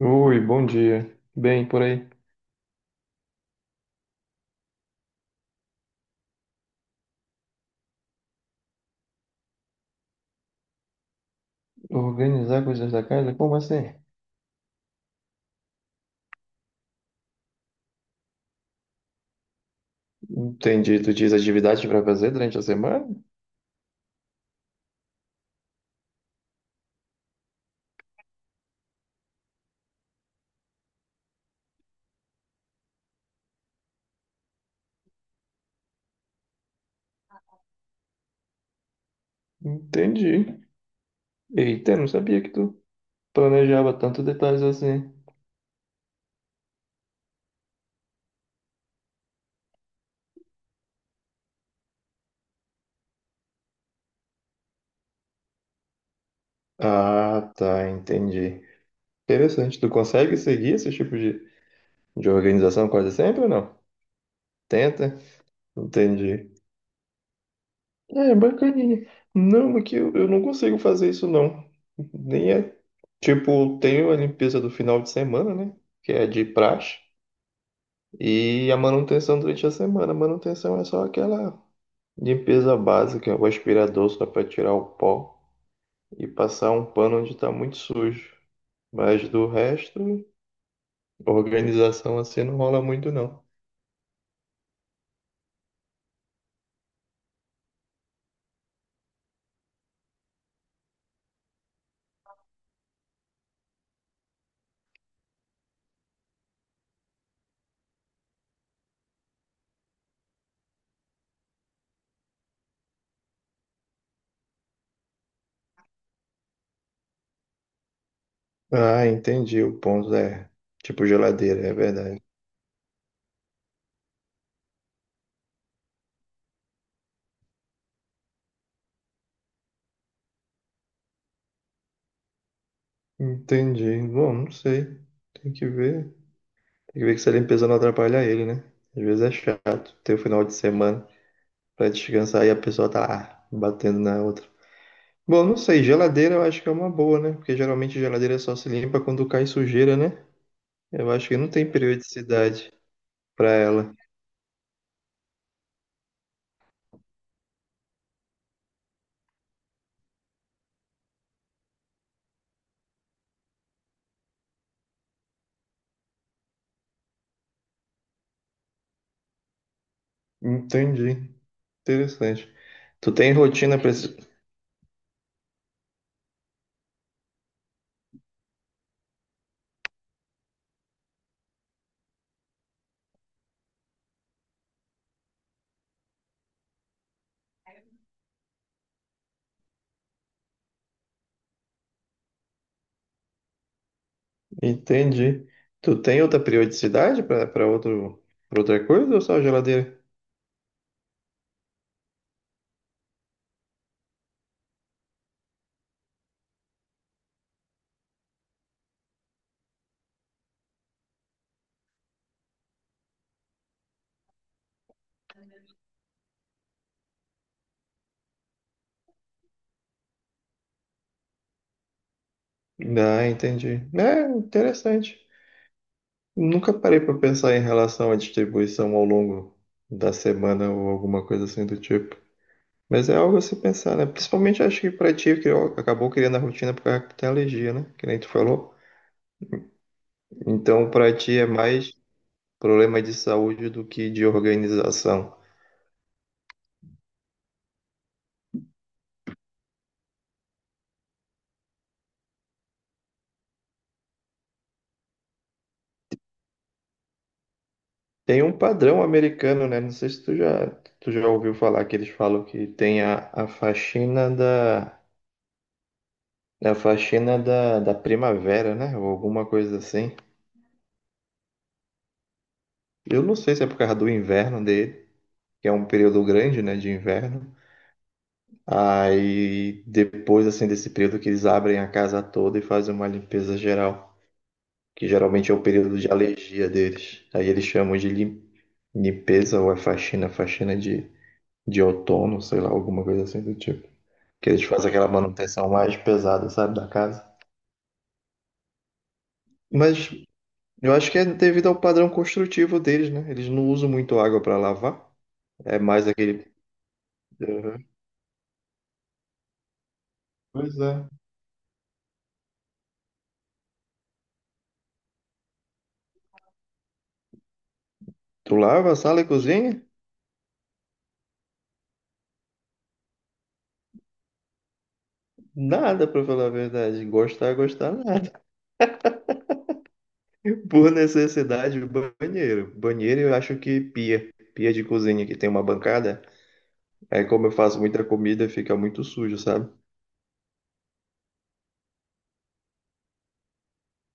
Oi, bom dia. Bem, por aí. Organizar coisas da casa? Como assim? Entendi. Tu diz atividades para fazer durante a semana? Entendi. Eita, não sabia que tu planejava tantos detalhes assim. Ah, tá, entendi. Interessante. Tu consegue seguir esse tipo de organização quase sempre ou não? Tenta? Entendi. É, bacaninha. Não, é que eu não consigo fazer isso, não. Nem é. Tipo, tenho a limpeza do final de semana, né? Que é de praxe. E a manutenção durante a semana. A manutenção é só aquela limpeza básica, o aspirador só para tirar o pó e passar um pano onde está muito sujo. Mas do resto, organização assim não rola muito não. Ah, entendi. O ponto é tipo geladeira, é verdade. Entendi. Bom, não sei. Tem que ver. Tem que ver que essa limpeza não atrapalha ele, né? Às vezes é chato ter o final de semana para descansar e a pessoa tá lá batendo na outra. Bom, não sei, geladeira eu acho que é uma boa, né? Porque geralmente geladeira só se limpa quando cai sujeira, né? Eu acho que não tem periodicidade pra ela. Entendi. Interessante. Tu tem rotina pra... Entendi. Tu tem outra periodicidade pra para outro pra outra coisa ou só geladeira? Ah, entendi. É, interessante. Nunca parei pra pensar em relação à distribuição ao longo da semana ou alguma coisa assim do tipo. Mas é algo a se pensar, né? Principalmente acho que pra ti, que acabou criando a rotina por causa que tu tem alergia, né? Que nem tu falou. Então, pra ti é mais problema de saúde do que de organização. Tem um padrão americano, né? Não sei se tu já ouviu falar que eles falam que tem a faxina da, da primavera, né? Ou alguma coisa assim. Eu não sei se é por causa do inverno dele, que é um período grande, né, de inverno. Aí depois assim desse período que eles abrem a casa toda e fazem uma limpeza geral, que geralmente é o período de alergia deles. Aí eles chamam de limpeza ou é faxina de outono, sei lá, alguma coisa assim do tipo. Que eles fazem aquela manutenção mais pesada, sabe, da casa. Mas eu acho que é devido ao padrão construtivo deles, né? Eles não usam muito água para lavar. É mais aquele. Uhum. Pois é. Tu lava a sala e cozinha? Nada, pra falar a verdade. Gostar, gostar, por necessidade, banheiro. Banheiro eu acho que pia. Pia de cozinha que tem uma bancada. Aí como eu faço muita comida, fica muito sujo, sabe?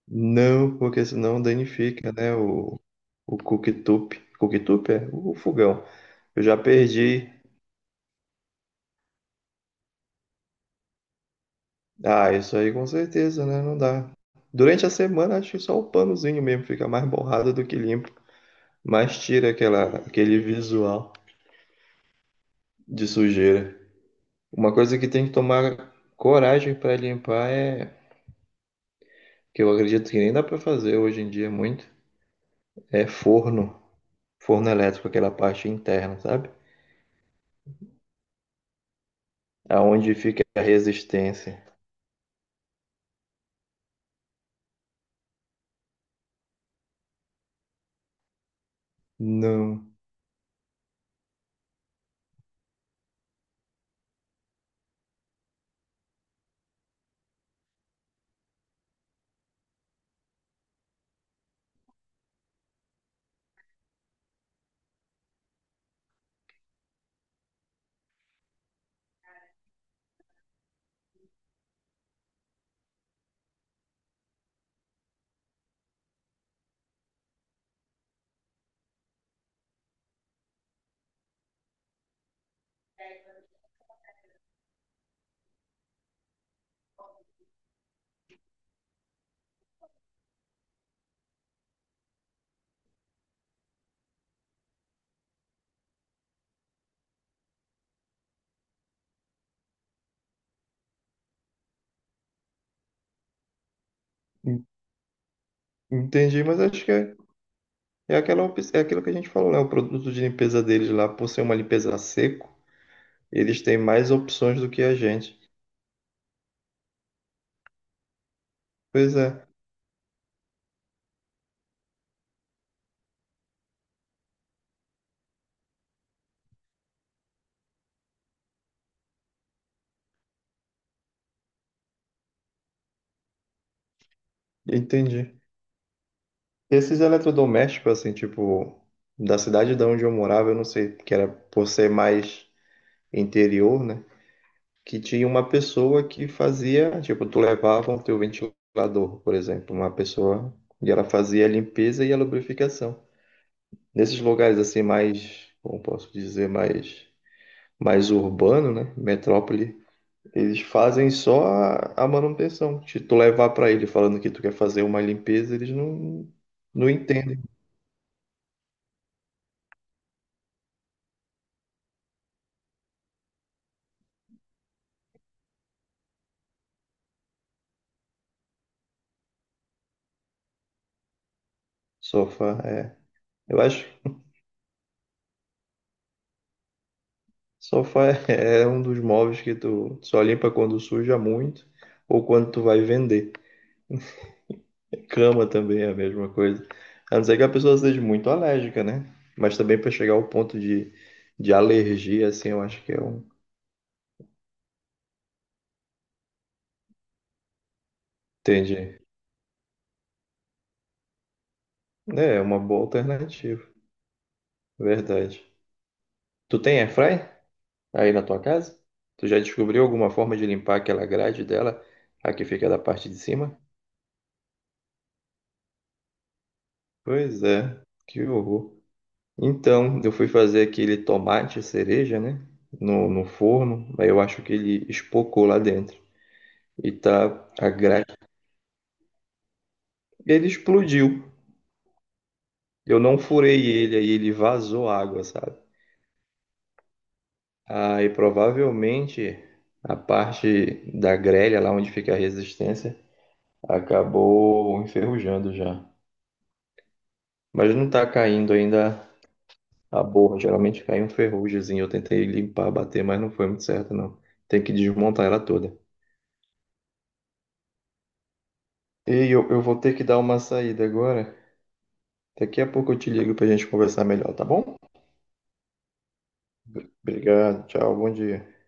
Não, porque senão danifica, né? O cooktop. Cooktop é o fogão. Eu já perdi. Ah, isso aí com certeza, né? Não dá. Durante a semana, acho que só o panozinho mesmo fica mais borrado do que limpo. Mas tira aquele visual de sujeira. Uma coisa que tem que tomar coragem para limpar é que eu acredito que nem dá para fazer hoje em dia muito, é forno, forno elétrico, aquela parte interna, sabe? Aonde fica a resistência. Não, en- entendi, mas é aquela, é aquilo que a gente falou, né? O produto de limpeza deles lá, por ser uma limpeza a seco, eles têm mais opções do que a gente. Pois é, entendi. Esses eletrodomésticos, assim, tipo, da cidade de onde eu morava, eu não sei, que era por ser mais interior, né? Que tinha uma pessoa que fazia, tipo, tu levava o teu ventilador, por exemplo, uma pessoa, e ela fazia a limpeza e a lubrificação. Nesses lugares assim mais, como posso dizer, mais urbano, né, metrópole, eles fazem só a manutenção. Se tu levar para ele falando que tu quer fazer uma limpeza, eles não entendem. Sofá é, eu acho sofá é um dos móveis que tu só limpa quando suja muito ou quando tu vai vender. Cama também é a mesma coisa. A não ser que a pessoa seja muito alérgica, né? Mas também para chegar ao ponto de alergia, assim, eu acho que é um. Entendi. É é uma boa alternativa. Verdade. Tu tem airfry aí na tua casa? Tu já descobriu alguma forma de limpar aquela grade dela, a que fica da parte de cima? Pois é, que horror. Então, eu fui fazer aquele tomate cereja, né? No forno, aí eu acho que ele espocou lá dentro. E tá a grade. Ele explodiu. Eu não furei ele, aí ele vazou água, sabe? Aí provavelmente a parte da grelha, lá onde fica a resistência, acabou enferrujando já. Mas não tá caindo ainda a borra. Geralmente cai um ferrugemzinho. Eu tentei limpar, bater, mas não foi muito certo, não. Tem que desmontar ela toda. E eu vou ter que dar uma saída agora. Daqui a pouco eu te ligo pra gente conversar melhor, tá bom? Obrigado, tchau, bom dia.